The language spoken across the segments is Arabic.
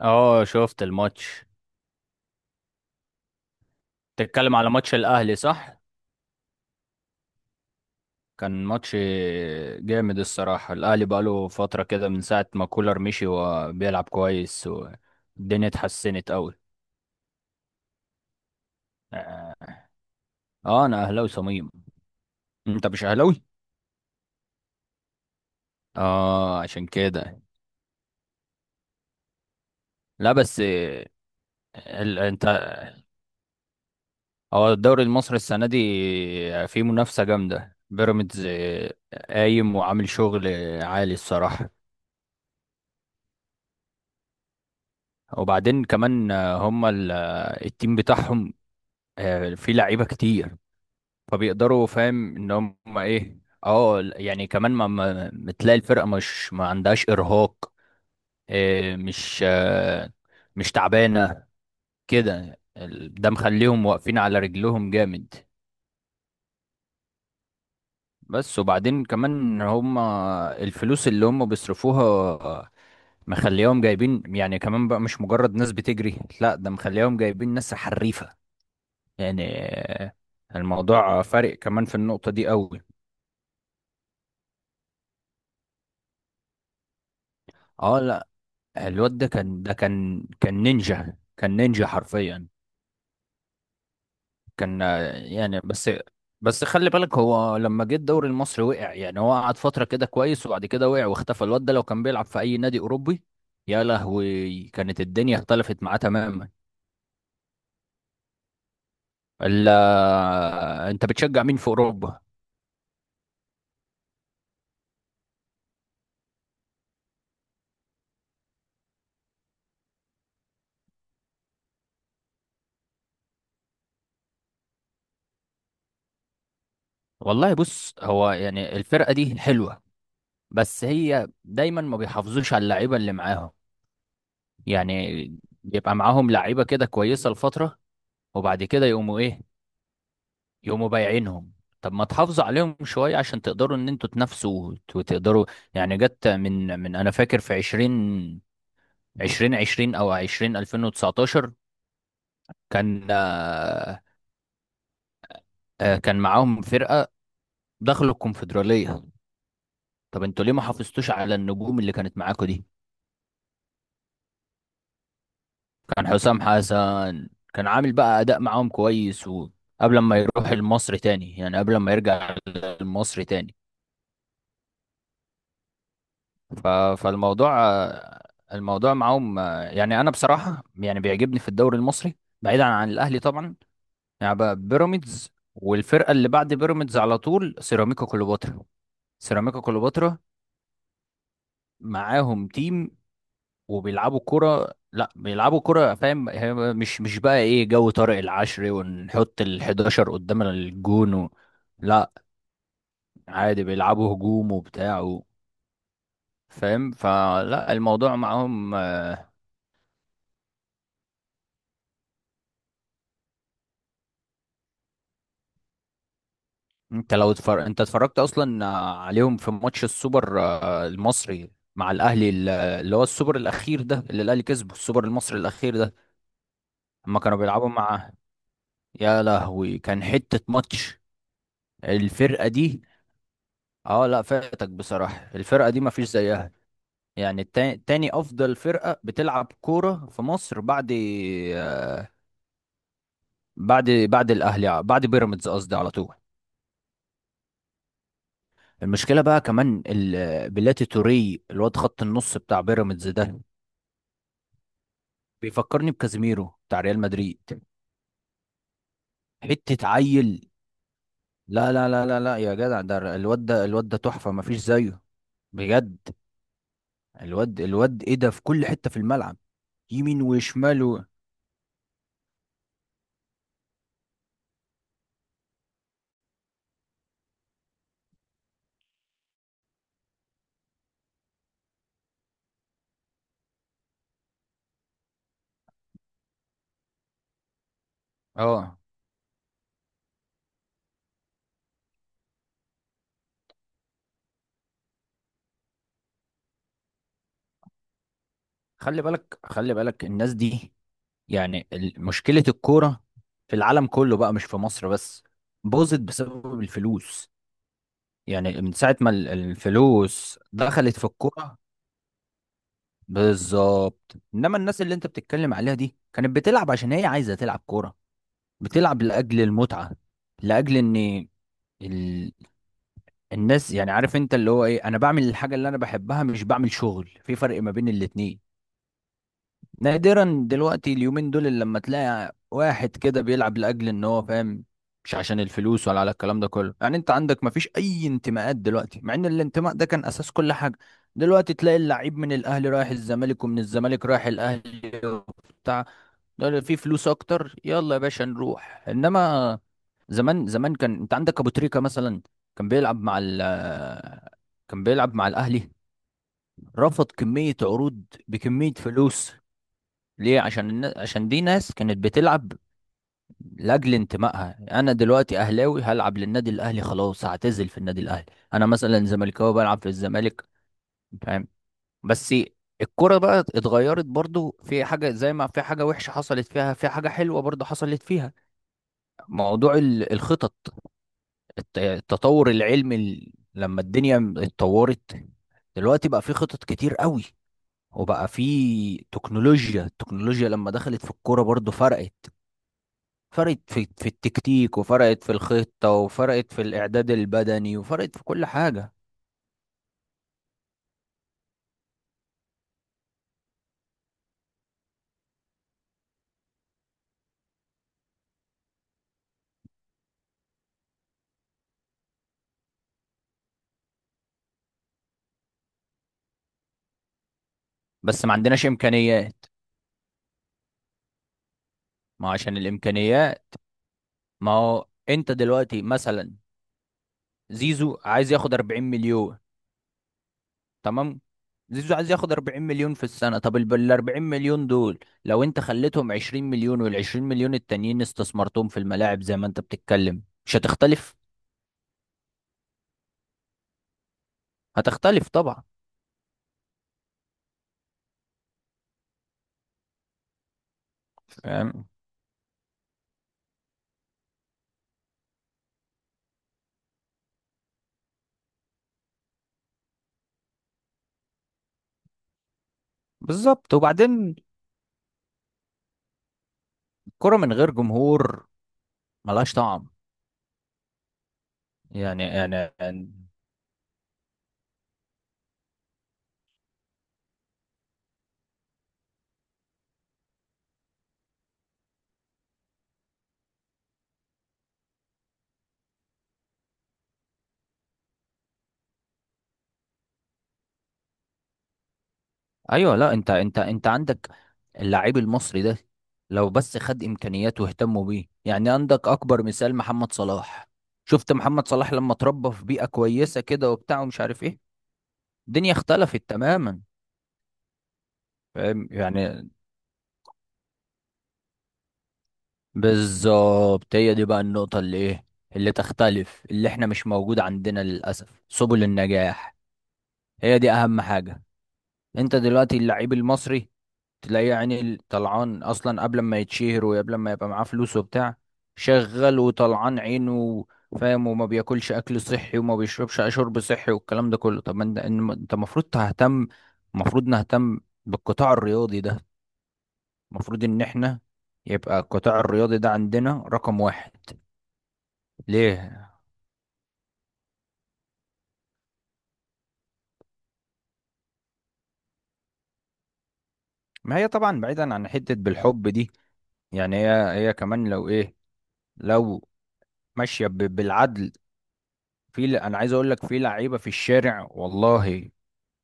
اه، شفت الماتش. تتكلم على ماتش الاهلي، صح؟ كان ماتش جامد الصراحة. الاهلي بقاله فترة كده من ساعة ما كولر مشي، وبيلعب كويس والدنيا اتحسنت قوي. اه. انا اهلاوي صميم. انت مش اهلاوي؟ اه، عشان كده. لا، بس انت. هو الدوري المصري السنة دي فيه منافسة جامدة، بيراميدز قايم وعامل شغل عالي الصراحة. وبعدين كمان هما التيم بتاعهم في لعيبه كتير، فبيقدروا، فاهم ان هم ايه. اه، يعني كمان بتلاقي الفرقه مش ما عندهاش ارهاق، آه، مش آه، مش تعبانه كده. ده مخليهم واقفين على رجلهم جامد. بس وبعدين كمان هم الفلوس اللي هم بيصرفوها مخليهم جايبين، يعني كمان بقى مش مجرد ناس بتجري، لا ده مخليهم جايبين ناس حريفه يعني. آه، الموضوع فارق كمان في النقطه دي قوي. اه، لا، الواد ده كان نينجا، كان نينجا حرفيا. كان، يعني بس. بس خلي بالك، هو لما جه الدوري المصري وقع. يعني هو قعد فترة كده كويس وبعد كده وقع واختفى. الواد ده لو كان بيلعب في أي نادي أوروبي، يا لهوي كانت الدنيا اختلفت معاه تماما. الا، انت بتشجع مين في أوروبا؟ والله بص، هو يعني الفرقة دي حلوة، بس هي دايما ما بيحافظوش على اللعيبة اللي معاهم. يعني بيبقى معاهم لعيبة كده كويسة لفترة، وبعد كده يقوموا ايه، يقوموا بايعينهم. طب ما تحافظوا عليهم شوية عشان تقدروا ان انتوا تنافسوا وتقدروا. يعني جت من انا فاكر في عشرين عشرين او الفين وتسعتاشر. كان آه، آه، كان معاهم فرقة، دخلوا الكونفدرالية. طب انتوا ليه ما حافظتوش على النجوم اللي كانت معاكوا دي؟ كان حسام حسن. كان عامل بقى اداء معاهم كويس، وقبل ما يروح المصري تاني، يعني قبل ما يرجع المصري تاني. ف... فالموضوع الموضوع معاهم. يعني انا بصراحه يعني بيعجبني في الدوري المصري بعيدا عن الاهلي طبعا، يعني بقى بيراميدز، والفرقه اللي بعد بيراميدز على طول سيراميكا كليوباترا. سيراميكا كليوباترا معاهم تيم، وبيلعبوا كرة. لا بيلعبوا كرة، فاهم، هي مش بقى ايه جو طارق العشري ونحط ال 11 قدام الجون لا، عادي بيلعبوا هجوم وبتاع فاهم، فلا الموضوع معاهم. انت اتفرجت اصلا عليهم في ماتش السوبر المصري مع الاهلي، اللي هو السوبر الاخير ده، اللي الاهلي كسبه السوبر المصري الاخير ده. اما كانوا بيلعبوا مع، يا لهوي كان حتة ماتش الفرقة دي. اه لا، فاتك بصراحة، الفرقة دي مفيش زيها. يعني تاني افضل فرقة بتلعب كورة في مصر بعد آه، بعد الاهلي، بعد بيراميدز قصدي على طول. المشكلة بقى كمان بلاتي توري، الواد خط النص بتاع بيراميدز ده، بيفكرني بكازيميرو بتاع ريال مدريد. حتة عيل. لا لا لا لا لا، يا جدع ده الواد ده، الواد ده تحفة مفيش زيه بجد. الواد ايه ده، في كل حتة في الملعب، يمين وشمال اه، خلي بالك خلي بالك، الناس دي يعني، مشكلة الكورة في العالم كله بقى مش في مصر بس، باظت بسبب الفلوس. يعني من ساعة ما الفلوس دخلت في الكورة، بالظبط. انما الناس اللي انت بتتكلم عليها دي كانت بتلعب عشان هي عايزة تلعب كورة، بتلعب لاجل المتعه، لاجل ان ال... الناس، يعني عارف انت اللي هو ايه، انا بعمل الحاجه اللي انا بحبها، مش بعمل شغل، في فرق ما بين الاتنين. نادرا دلوقتي اليومين دول اللي لما تلاقي واحد كده بيلعب لاجل ان هو فاهم، مش عشان الفلوس ولا على الكلام ده كله. يعني انت عندك ما فيش اي انتماءات دلوقتي، مع ان الانتماء ده كان اساس كل حاجه. دلوقتي تلاقي اللعيب من الاهلي رايح الزمالك، ومن الزمالك رايح الاهلي وبتاع، ده في فلوس اكتر، يلا يا باشا نروح. انما زمان، زمان كان انت عندك ابو تريكة مثلا، كان بيلعب مع ال كان بيلعب مع الاهلي، رفض كمية عروض بكمية فلوس. ليه؟ عشان دي ناس كانت بتلعب لاجل انتمائها. انا دلوقتي اهلاوي، هلعب للنادي الاهلي خلاص، هعتزل في النادي الاهلي. انا مثلا زملكاوي، بلعب في الزمالك، فاهم؟ بس الكرة بقى اتغيرت برضو، في حاجة زي ما في حاجة وحشة حصلت فيها، في حاجة حلوة برضو حصلت فيها. موضوع الخطط، التطور العلمي، لما الدنيا اتطورت دلوقتي، بقى في خطط كتير قوي، وبقى في تكنولوجيا. التكنولوجيا لما دخلت في الكورة برضو فرقت، فرقت في التكتيك، وفرقت في الخطة، وفرقت في الإعداد البدني، وفرقت في كل حاجة. بس ما عندناش إمكانيات. ما هو عشان الإمكانيات، ما هو أنت دلوقتي مثلا زيزو عايز ياخد 40 مليون، تمام؟ زيزو عايز ياخد 40 مليون في السنة، طب ال 40 مليون دول لو انت خليتهم 20 مليون، وال 20 مليون التانيين استثمرتهم في الملاعب زي ما انت بتتكلم، مش هتختلف؟ هتختلف طبعا. يعني بالظبط. وبعدين الكرة من غير جمهور ملهاش طعم. يعني. ايوه، لا انت، انت عندك اللاعب المصري ده، لو بس خد امكانيات واهتموا بيه، يعني عندك اكبر مثال محمد صلاح. شفت محمد صلاح لما اتربى في بيئة كويسة كده وبتاع ومش عارف ايه، الدنيا اختلفت تماما. فاهم يعني؟ بالظبط، هي دي بقى النقطة اللي ايه، اللي تختلف، اللي احنا مش موجود عندنا للأسف سبل النجاح. هي دي أهم حاجة. انت دلوقتي اللعيب المصري تلاقيه، يعني طلعان أصلا قبل ما يتشهر وقبل ما يبقى معاه فلوس وبتاع، شغال وطلعان عينه، فاهم؟ وما بياكلش أكل صحي وما بيشربش شرب صحي والكلام ده كله. طب ما انت انت المفروض تهتم، المفروض نهتم بالقطاع الرياضي ده، المفروض ان احنا يبقى القطاع الرياضي ده عندنا رقم واحد. ليه؟ ما هي طبعا بعيدا عن حتة بالحب دي، يعني هي هي كمان لو ايه، لو ماشية بالعدل. انا عايز اقول لك في لعيبة في الشارع والله،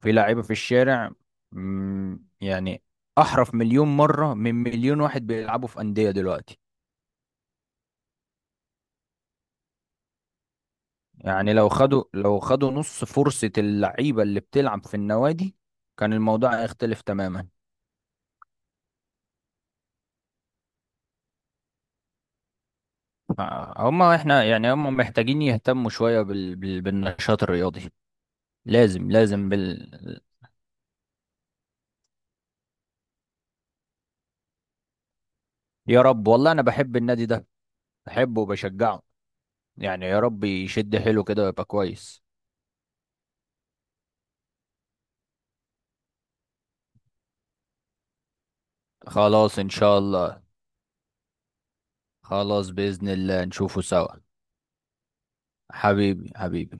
في لعيبة في الشارع، يعني احرف مليون مرة من مليون واحد بيلعبوا في أندية دلوقتي. يعني لو خدوا، لو خدوا نص فرصة اللعيبة اللي بتلعب في النوادي، كان الموضوع هيختلف تماما. هما احنا يعني هما محتاجين يهتموا شوية بالنشاط الرياضي. لازم لازم. يا رب، والله انا بحب النادي ده، بحبه وبشجعه. يعني يا رب يشد حيله كده ويبقى كويس. خلاص ان شاء الله. خلاص بإذن الله نشوفه سوا. حبيبي حبيبي.